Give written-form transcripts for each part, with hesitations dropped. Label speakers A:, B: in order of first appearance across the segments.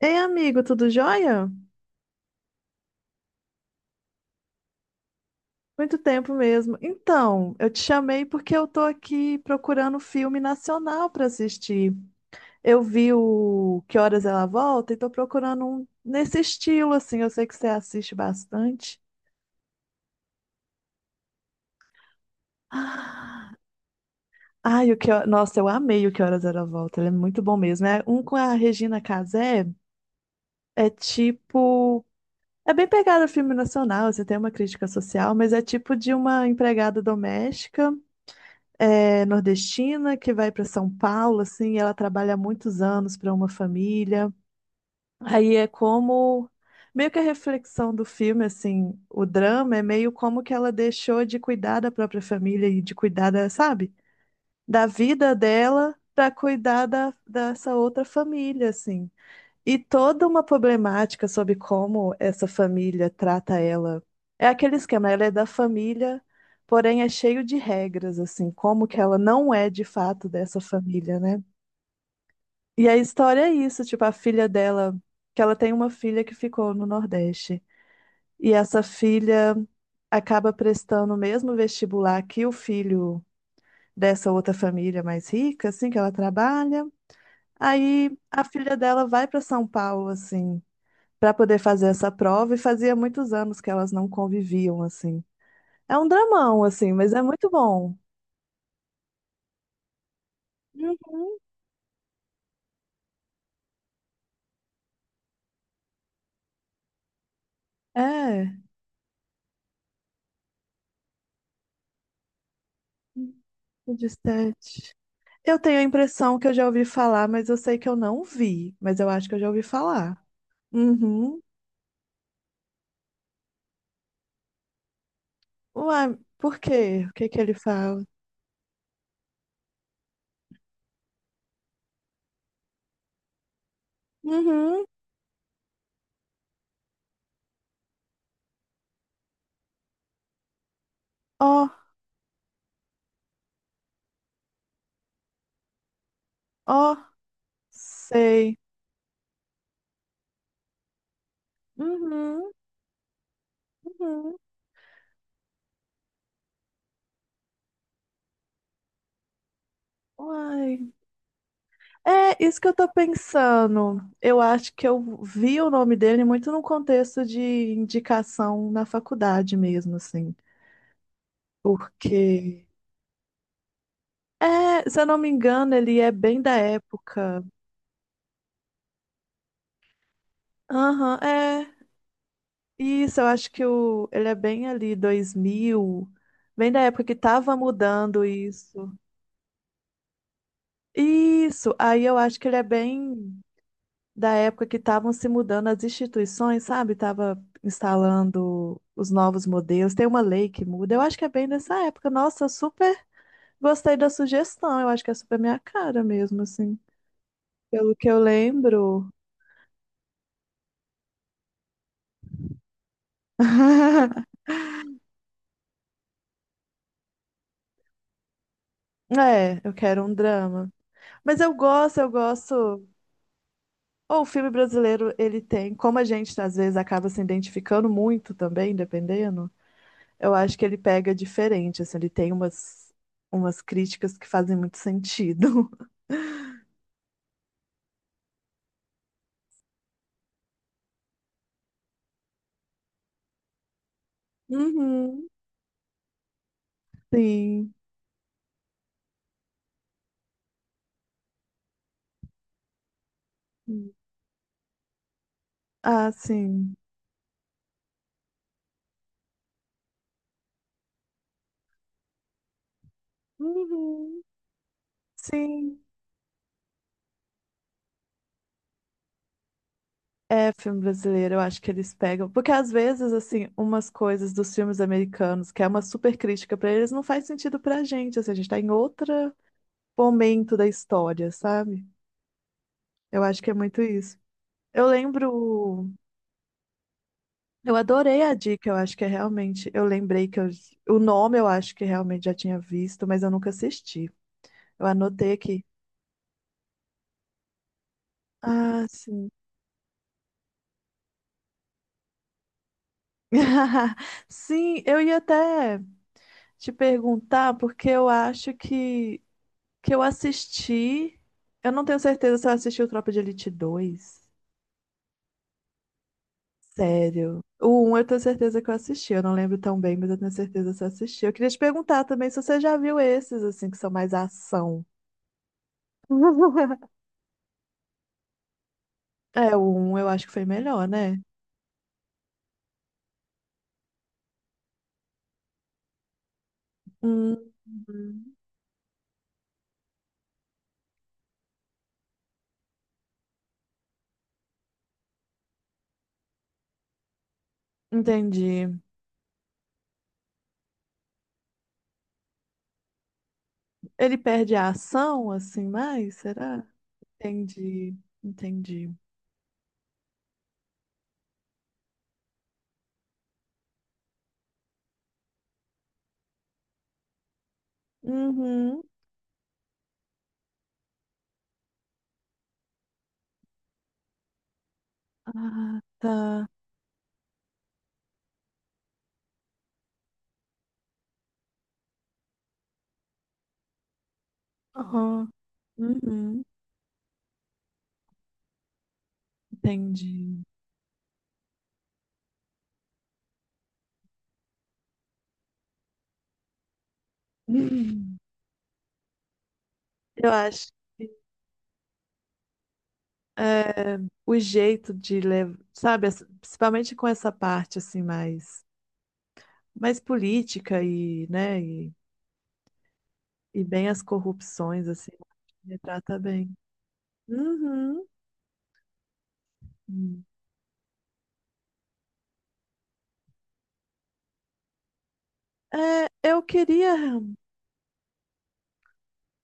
A: Ei, amigo, tudo jóia? Muito tempo mesmo. Então, eu te chamei porque eu tô aqui procurando um filme nacional para assistir. Eu vi o Que Horas Ela Volta e tô procurando um nesse estilo, assim. Eu sei que você assiste bastante. ah Ai, o que... Ho- Nossa, eu amei o Que Horas Ela Volta. Ele é muito bom mesmo. É um com a Regina Casé. é tipo... É bem pegado filme nacional, você tem uma crítica social, mas é tipo de uma empregada doméstica é nordestina que vai para São Paulo, assim, ela trabalha há muitos anos para uma família. Aí é como meio que a reflexão do filme, assim, o drama é meio como que ela deixou de cuidar da própria família e de cuidar sabe, da vida dela para cuidar dessa outra família, assim. E toda uma problemática sobre como essa família trata ela. É aquele esquema, ela é da família, porém é cheio de regras, assim, como que ela não é de fato dessa família, né? E a história é isso, tipo, a filha dela, que ela tem uma filha que ficou no Nordeste. E essa filha acaba prestando o mesmo vestibular que o filho dessa outra família mais rica, assim, que ela trabalha. Aí a filha dela vai para São Paulo, assim, para poder fazer essa prova, e fazia muitos anos que elas não conviviam, assim. É um dramão assim, mas é muito bom. Uhum. É, o de sete Eu tenho a impressão que eu já ouvi falar, mas eu sei que eu não vi, mas eu acho que eu já ouvi falar. Uhum. Uai, por quê? O que que ele fala? Uhum. Ó, ó, sei. Uhum, uhum. Uai. É isso que eu tô pensando. Eu acho que eu vi o nome dele muito no contexto de indicação na faculdade mesmo, assim. Porque, é, se eu não me engano, ele é bem da época. Aham, é. Isso, eu acho que ele é bem ali, 2000. Bem da época que tava mudando isso. Isso, aí eu acho que ele é bem da época que estavam se mudando as instituições, sabe? Estava instalando os novos modelos, tem uma lei que muda. Eu acho que é bem dessa época. Nossa, eu super gostei da sugestão. Eu acho que é super minha cara mesmo, assim. Pelo que eu lembro. É, eu quero um drama. Mas eu gosto, eu gosto. Ou o filme brasileiro, ele tem, como a gente às vezes acaba se identificando muito também, dependendo, eu acho que ele pega diferente, assim, ele tem umas críticas que fazem muito sentido. Uhum, sim. Ah, sim. Uhum. Sim. É filme brasileiro, eu acho que eles pegam. Porque às vezes, assim, umas coisas dos filmes americanos, que é uma super crítica pra eles, não faz sentido pra gente. Assim, a gente tá em outro momento da história, sabe? Eu acho que é muito isso. Eu lembro. Eu adorei a dica, eu acho que é realmente. Eu lembrei o nome eu acho que realmente já tinha visto, mas eu nunca assisti. Eu anotei aqui. Ah, sim. Sim, eu ia até te perguntar, porque eu acho que eu assisti. Eu não tenho certeza se eu assisti o Tropa de Elite dois. Sério. O um eu tenho certeza que eu assisti. Eu não lembro tão bem, mas eu tenho certeza se eu assisti. Eu queria te perguntar também se você já viu esses, assim, que são mais ação. É, o um eu acho que foi melhor, né? Hum, hum, entendi. Ele perde a ação, assim, mais? Será? Entendi, entendi. Uhum. Ah, tá. Aham. Uhum. Entendi. Uhum. Eu acho que é o jeito de levar, sabe, principalmente com essa parte assim mais política e, né, e bem as corrupções, assim, retrata bem. Uhum. Hum. É, eu queria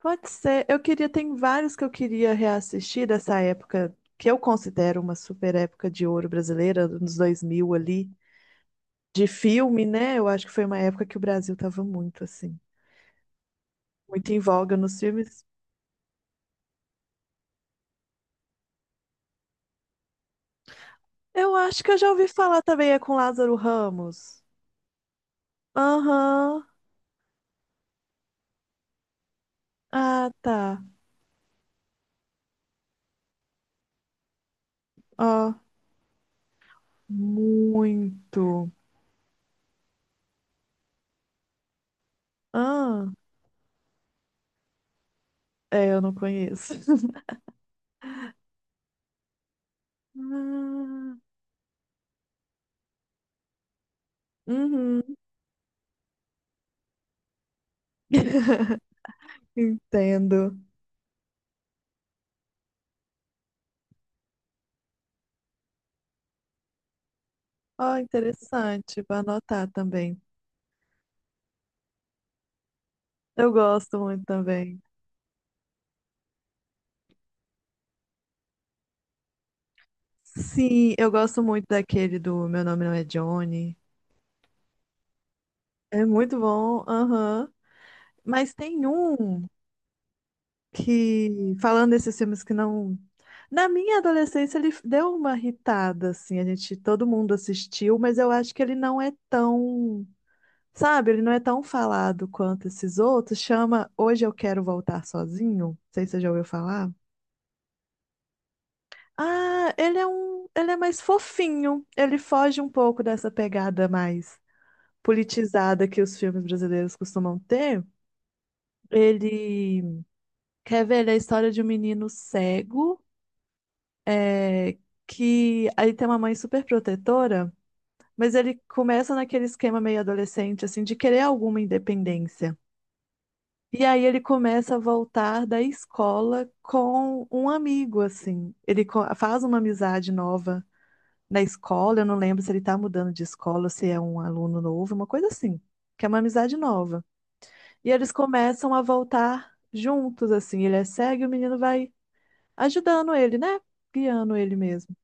A: Pode ser. Eu queria, tem vários que eu queria reassistir dessa época, que eu considero uma super época de ouro brasileira, nos 2000 ali, de filme, né? Eu acho que foi uma época que o Brasil tava muito assim, muito em voga nos filmes. Eu acho que eu já ouvi falar também, é com Lázaro Ramos. Aham. Ah, tá. Ó, muito. Ah, é, eu não conheço. Ah, uhum. Entendo. Ó, interessante, vou anotar também. Eu gosto muito também. Sim, eu gosto muito daquele do Meu Nome Não É Johnny. É muito bom, aham. Mas tem um que, falando desses filmes que não. Na minha adolescência, ele deu uma irritada, assim. A gente, todo mundo assistiu, mas eu acho que ele não é tão. Sabe, ele não é tão falado quanto esses outros. Chama Hoje Eu Quero Voltar Sozinho. Não sei se você já ouviu falar. Ah, ele é mais fofinho. Ele foge um pouco dessa pegada mais politizada que os filmes brasileiros costumam ter. Ele quer ver ele é a história de um menino cego, é, que aí tem uma mãe super protetora, mas ele começa naquele esquema meio adolescente, assim, de querer alguma independência. E aí ele começa a voltar da escola com um amigo, assim. Ele faz uma amizade nova na escola, eu não lembro se ele está mudando de escola, ou se é um aluno novo, uma coisa assim, que é uma amizade nova. E eles começam a voltar juntos, assim, ele é cego e o menino vai ajudando ele, né? Guiando ele mesmo.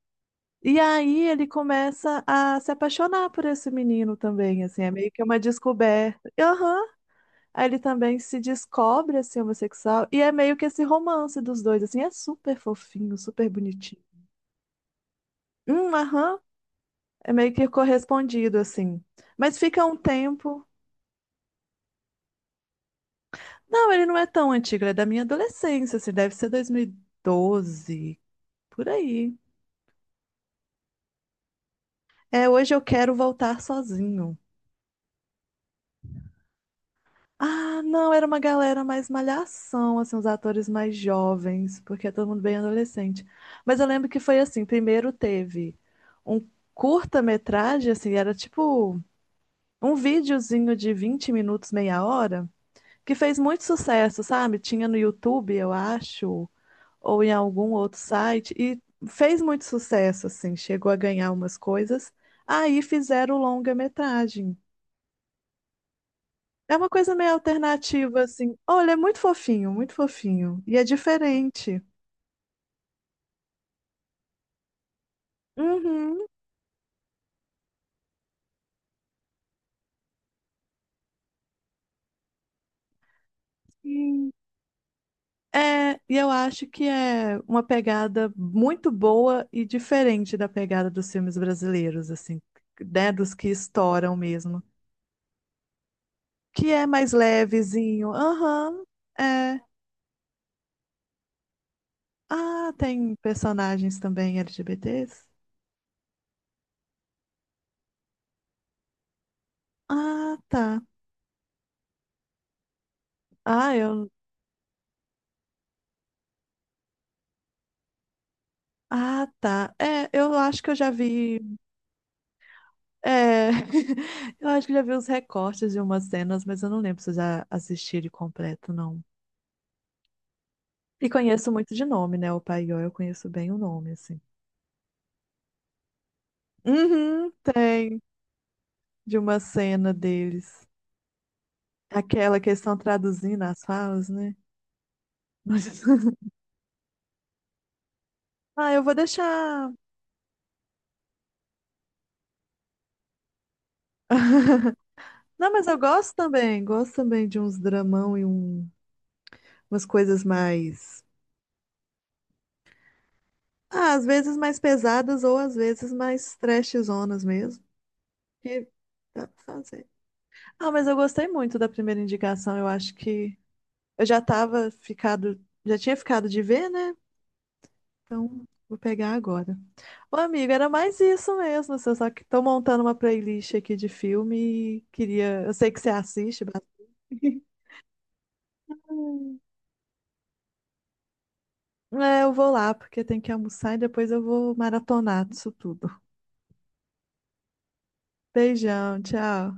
A: E aí ele começa a se apaixonar por esse menino também, assim, é meio que uma descoberta. Aham. Aí ele também se descobre, assim, homossexual, e é meio que esse romance dos dois, assim, é super fofinho, super bonitinho. Aham. É meio que correspondido, assim. Mas fica um tempo. Não, ele não é tão antigo, ele é da minha adolescência, assim, deve ser 2012, por aí. É, hoje eu quero voltar sozinho. Ah, não, era uma galera mais malhação, assim, os atores mais jovens, porque é todo mundo bem adolescente. Mas eu lembro que foi assim, primeiro teve um curta-metragem, assim, era tipo um videozinho de 20 minutos, meia hora, que fez muito sucesso, sabe? Tinha no YouTube, eu acho, ou em algum outro site, e fez muito sucesso, assim, chegou a ganhar umas coisas. Aí fizeram longa-metragem. É uma coisa meio alternativa, assim. Olha, é muito fofinho, muito fofinho. E é diferente. Uhum, sim. É, e eu acho que é uma pegada muito boa e diferente da pegada dos filmes brasileiros, assim, né, dos que estouram mesmo. Que é mais levezinho. Aham, é. Ah, tem personagens também LGBTs? Ah, tá. Ah, eu. Ah, tá. É, eu acho que eu já vi. É, eu acho que já vi os recortes de umas cenas, mas eu não lembro se eu já assisti ele completo, não. E conheço muito de nome, né? O Paió, eu conheço bem o nome, assim. Uhum, tem. De uma cena deles. Aquela que eles estão traduzindo as falas, né? Ah, eu vou deixar. Não, mas eu gosto também. Gosto também de uns dramão e umas coisas mais. Ah, às vezes mais pesadas ou às vezes mais trashzonas mesmo. Que dá pra fazer. Ah, mas eu gostei muito da primeira indicação. Eu acho que eu já tava ficado. Já tinha ficado de ver, né? Então vou pegar agora. Ô, amigo, era mais isso mesmo, assim. Só que tô montando uma playlist aqui de filme e queria. Eu sei que você assiste bastante. É, eu vou lá, porque tem que almoçar e depois eu vou maratonar disso tudo. Beijão, tchau.